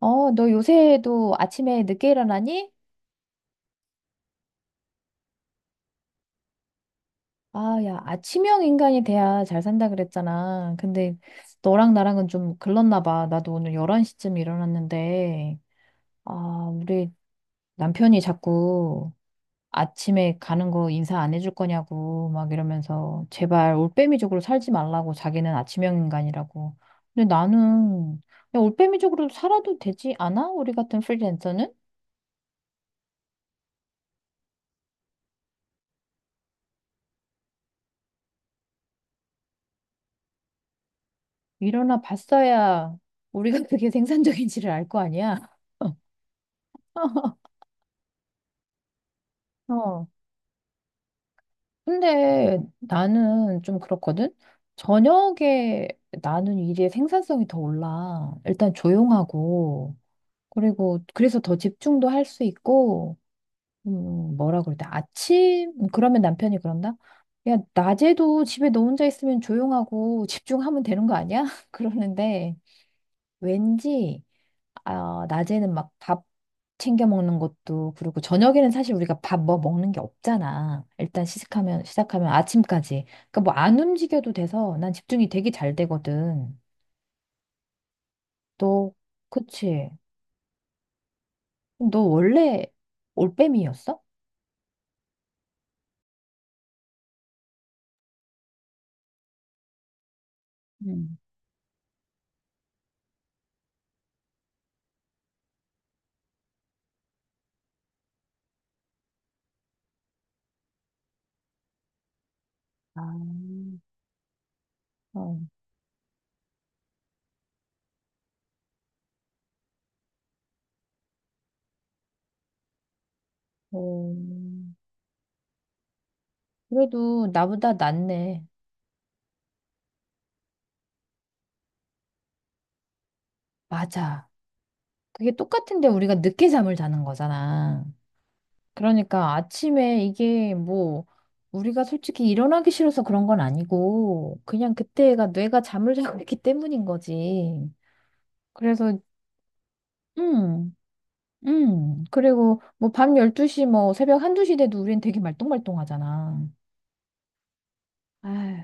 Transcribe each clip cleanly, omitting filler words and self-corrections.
어, 너 요새도 아침에 늦게 일어나니? 아, 야, 아침형 인간이 돼야 잘 산다 그랬잖아. 근데 너랑 나랑은 좀 글렀나 봐. 나도 오늘 11시쯤 일어났는데, 아, 우리 남편이 자꾸 아침에 가는 거 인사 안 해줄 거냐고 막 이러면서 제발 올빼미족으로 살지 말라고 자기는 아침형 인간이라고. 근데 나는, 야, 올빼미족으로 살아도 되지 않아? 우리 같은 프리랜서는? 일어나 봤어야 우리가 그게 생산적인지를 알 거 아니야. 어. 근데 나는 좀 그렇거든. 저녁에 나는 일의 생산성이 더 올라. 일단 조용하고, 그리고 그래서 더 집중도 할 수 있고, 뭐라 그럴때 그러면 남편이 그런다? 야, 낮에도 집에 너 혼자 있으면 조용하고 집중하면 되는 거 아니야? 그러는데, 왠지, 아, 낮에는 막 밥 챙겨 먹는 것도 그렇고 저녁에는 사실 우리가 밥 뭐 먹는 게 없잖아. 일단 시작하면 아침까지. 그러니까 뭐 안 움직여도 돼서 난 집중이 되게 잘 되거든. 너, 그치? 너 원래 올빼미였어? 음. 아, 어. 어, 그래도 나보다 낫네. 맞아. 그게 똑같은데 우리가 늦게 잠을 자는 거잖아. 그러니까 아침에 이게 뭐 우리가 솔직히 일어나기 싫어서 그런 건 아니고 그냥 그때가 뇌가 잠을 자고 있기 때문인 거지. 그래서 음. 음. 그리고 뭐 밤 12시 뭐 새벽 1, 2시 돼도 우린 되게 말똥말똥하잖아. 아휴.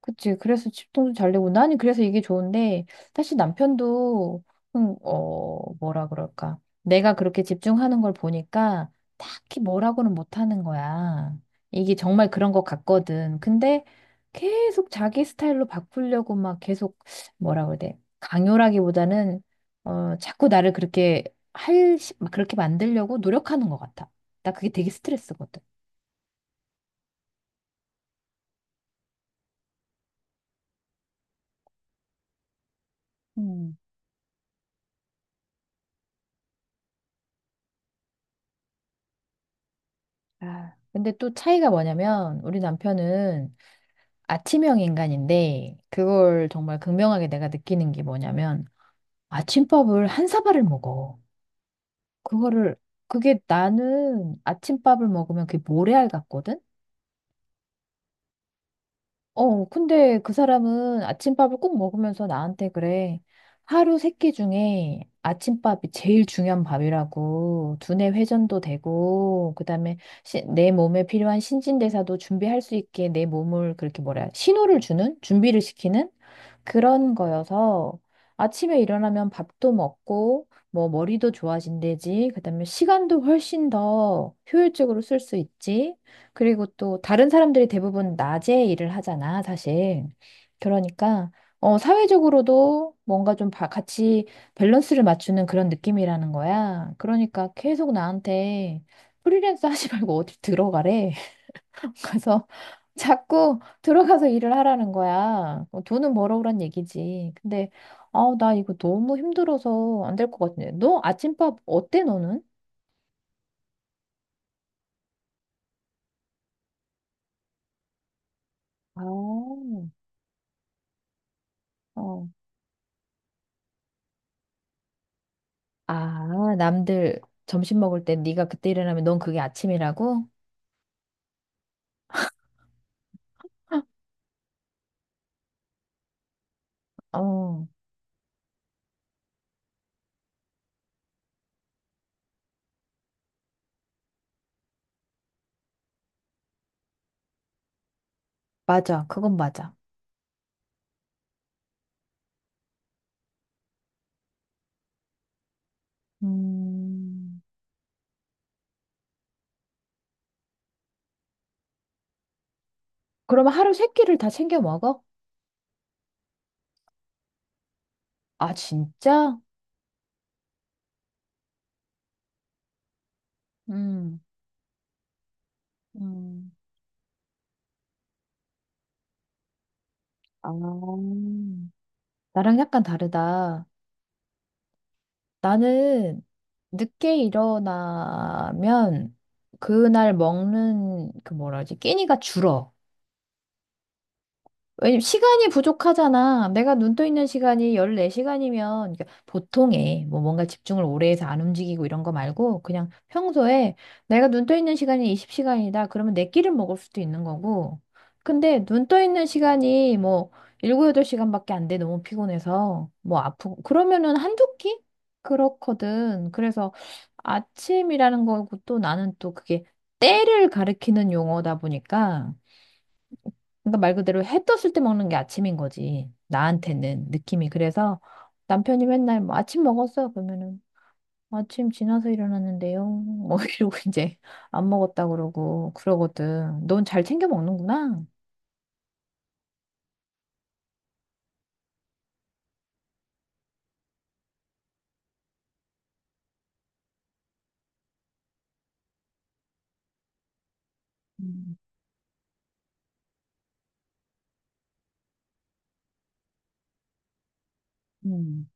그치. 그래서 집통도 잘 내고 나는 그래서 이게 좋은데 사실 남편도, 뭐라 그럴까, 내가 그렇게 집중하는 걸 보니까 딱히 뭐라고는 못하는 거야. 이게 정말 그런 것 같거든. 근데 계속 자기 스타일로 바꾸려고 막 계속, 뭐라 그래야 돼, 강요라기보다는 자꾸 나를 그렇게 막 그렇게 만들려고 노력하는 것 같아. 나 그게 되게 스트레스거든. 음. 아, 근데 또 차이가 뭐냐면 우리 남편은 아침형 인간인데 그걸 정말 극명하게 내가 느끼는 게 뭐냐면 아침밥을 한 사발을 먹어. 그거를 그게 나는 아침밥을 먹으면 그게 모래알 같거든. 어, 근데 그 사람은 아침밥을 꼭 먹으면서 나한테 그래. 하루 세끼 중에 아침밥이 제일 중요한 밥이라고. 두뇌 회전도 되고, 그다음에 내 몸에 필요한 신진대사도 준비할 수 있게 내 몸을 그렇게 뭐라, 신호를 주는? 준비를 시키는? 그런 거여서 아침에 일어나면 밥도 먹고, 뭐 머리도 좋아진대지. 그다음에 시간도 훨씬 더 효율적으로 쓸 수 있지. 그리고 또 다른 사람들이 대부분 낮에 일을 하잖아, 사실. 그러니까 어, 사회적으로도 뭔가 좀 같이 밸런스를 맞추는 그런 느낌이라는 거야. 그러니까 계속 나한테 프리랜서 하지 말고 어디 들어가래. 가서 자꾸 들어가서 일을 하라는 거야. 어, 돈은 벌어오란 얘기지. 근데, 아, 나 이거 너무 힘들어서 안 될 것 같은데. 너 아침밥 어때, 너는? 아, 어. 아, 남들 점심 먹을 때 네가 그때 일어나면 넌 그게 아침이라고? 어, 맞아. 그건 맞아. 음, 그러면 하루 세 끼를 다 챙겨 먹어? 아, 진짜? 음, 음. 아, 나랑 약간 다르다. 나는 늦게 일어나면 그날 먹는 그, 뭐라 하지, 끼니가 줄어. 왜냐면 시간이 부족하잖아. 내가 눈떠 있는 시간이 14시간이면, 보통에 뭐 뭔가 집중을 오래 해서 안 움직이고 이런 거 말고 그냥 평소에 내가 눈떠 있는 시간이 20시간이다. 그러면 내 끼를 먹을 수도 있는 거고. 근데 눈떠 있는 시간이 뭐 일곱, 여덟 시간밖에 안 돼. 너무 피곤해서 뭐 아프고 그러면은 한두 끼? 그렇거든. 그래서 아침이라는 거고, 또 나는 또 그게 때를 가리키는 용어다 보니까, 그러니까 말 그대로 해 떴을 때 먹는 게 아침인 거지. 나한테는 느낌이. 그래서 남편이 맨날 뭐 아침 먹었어요 그러면은, 아침 지나서 일어났는데요 뭐 이러고 이제 안 먹었다 그러고 그러거든. 넌 잘 챙겨 먹는구나. 음, 음,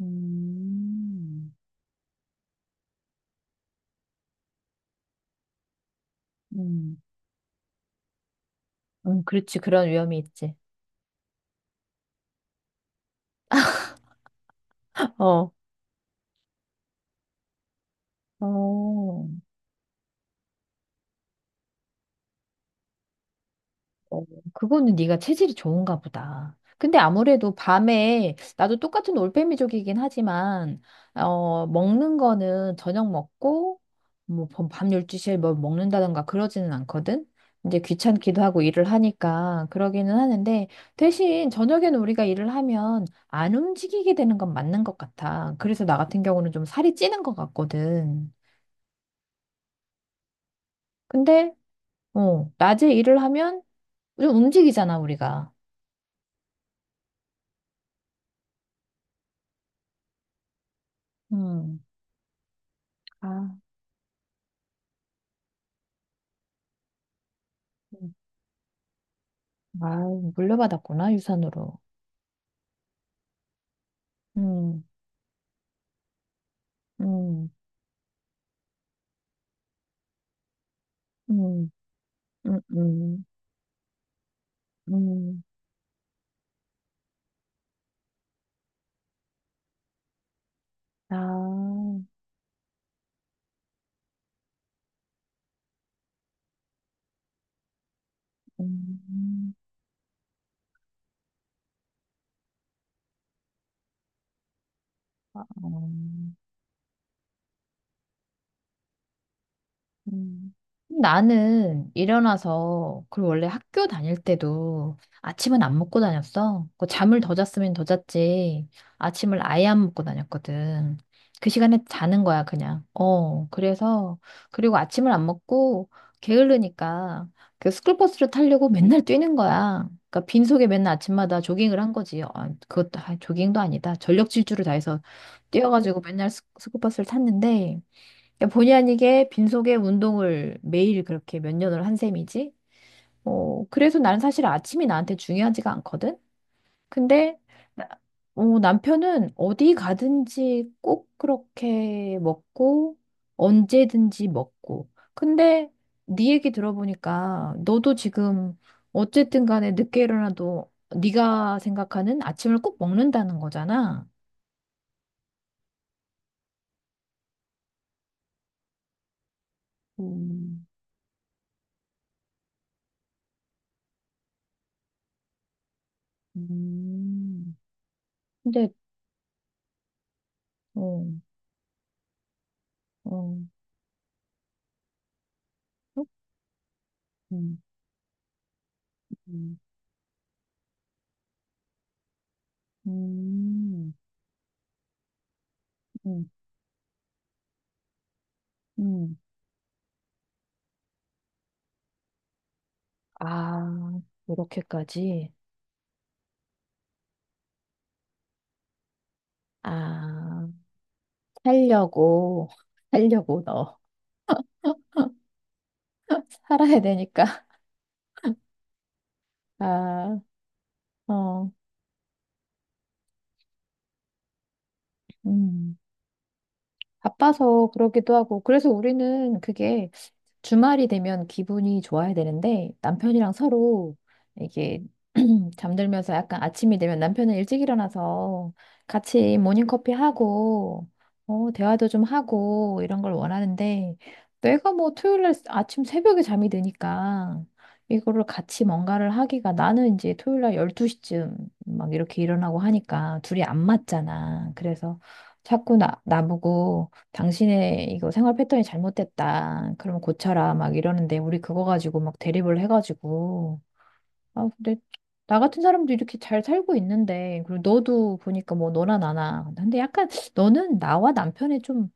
음, 음. 그렇지. 그런 위험이 있지. 어. 어. 어, 그거는 네가 체질이 좋은가 보다. 근데 아무래도 밤에, 나도 똑같은 올빼미족이긴 하지만 어, 먹는 거는 저녁 먹고 뭐밤 12시에 뭘 먹는다던가 그러지는 않거든. 이제 귀찮기도 하고 일을 하니까 그러기는 하는데, 대신 저녁에는 우리가 일을 하면 안 움직이게 되는 건 맞는 것 같아. 그래서 나 같은 경우는 좀 살이 찌는 것 같거든. 근데 어, 낮에 일을 하면 좀 움직이잖아, 우리가. 음. 아, 음. 아, 물려받았구나, 유산으로. 음, 음, 음, 음, 아, 음, 음. 아, 어. 음. 나는 일어나서, 그리고 원래 학교 다닐 때도 아침은 안 먹고 다녔어. 그 잠을 더 잤으면 더 잤지. 아침을 아예 안 먹고 다녔거든. 그 시간에 자는 거야, 그냥. 어, 그래서, 그리고 아침을 안 먹고 게으르니까 그 스쿨버스를 타려고 맨날 뛰는 거야. 그러니까 빈속에 맨날 아침마다 조깅을 한 거지. 아, 그것도, 아, 조깅도 아니다. 전력 질주를 다해서 뛰어가지고 맨날 스쿨버스를 탔는데, 그러니까 본의 아니게 빈속에 운동을 매일 그렇게 몇 년을 한 셈이지. 어, 그래서 나는 사실 아침이 나한테 중요하지가 않거든. 근데 나- 어, 남편은 어디 가든지 꼭 그렇게 먹고 언제든지 먹고. 근데 네 얘기 들어보니까 너도 지금 어쨌든 간에 늦게 일어나도 네가 생각하는 아침을 꼭 먹는다는 거잖아. 음, 음. 근데 어, 어. 어? 음. 음, 음, 음, 음. 아, 이렇게까지. 아, 살려고, 살려고 너. 살아야 되니까. 아, 어, 음. 바빠서 그러기도 하고. 그래서 우리는 그게 주말이 되면 기분이 좋아야 되는데 남편이랑 서로 이게 잠들면서, 약간 아침이 되면 남편은 일찍 일어나서 같이 모닝커피 하고 어, 대화도 좀 하고 이런 걸 원하는데 내가 뭐 토요일 날 아침 새벽에 잠이 드니까 이거를 같이 뭔가를 하기가, 나는 이제 토요일 날 12시쯤 막 이렇게 일어나고 하니까 둘이 안 맞잖아. 그래서 자꾸 나보고 당신의 이거 생활 패턴이 잘못됐다, 그러면 고쳐라 막 이러는데, 우리 그거 가지고 막 대립을 해가지고. 아, 근데 나 같은 사람도 이렇게 잘 살고 있는데, 그리고 너도 보니까 뭐 너나 나나. 근데 약간 너는 나와 남편의 좀,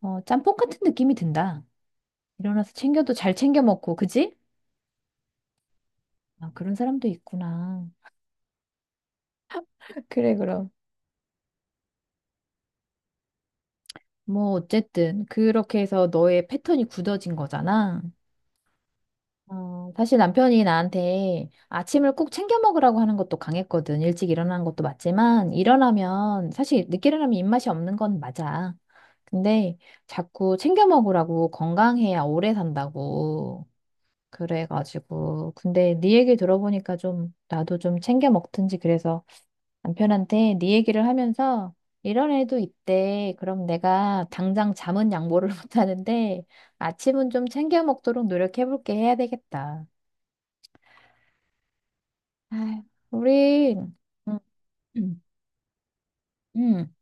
어, 짬뽕 같은 느낌이 든다. 일어나서 챙겨도 잘 챙겨 먹고, 그지? 아, 그런 사람도 있구나. 그래, 그럼. 뭐, 어쨌든, 그렇게 해서 너의 패턴이 굳어진 거잖아. 어, 사실 남편이 나한테 아침을 꼭 챙겨 먹으라고 하는 것도 강했거든. 일찍 일어나는 것도 맞지만, 일어나면, 사실 늦게 일어나면 입맛이 없는 건 맞아. 근데 자꾸 챙겨 먹으라고, 건강해야 오래 산다고. 그래가지고. 근데 네 얘기 들어보니까 좀, 나도 좀 챙겨 먹든지 그래서 남편한테 네 얘기를 하면서 이런 애도 있대. 그럼 내가 당장 잠은 양보를 못 하는데 아침은 좀 챙겨 먹도록 노력해볼게 해야 되겠다. 아 우리, 응, 음, 음,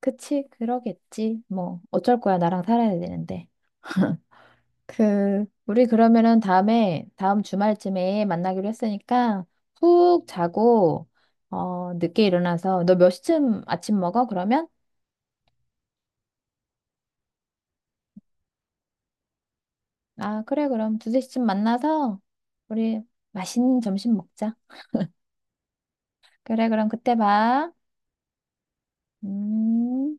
그치, 그러겠지. 뭐, 어쩔 거야, 나랑 살아야 되는데. 그, 우리 그러면은 다음에, 다음 주말쯤에 만나기로 했으니까, 푹 자고, 어, 늦게 일어나서, 너 몇 시쯤 아침 먹어, 그러면? 아, 그래, 그럼 두세 시쯤 만나서, 우리 맛있는 점심 먹자. 그래, 그럼 그때 봐. 음.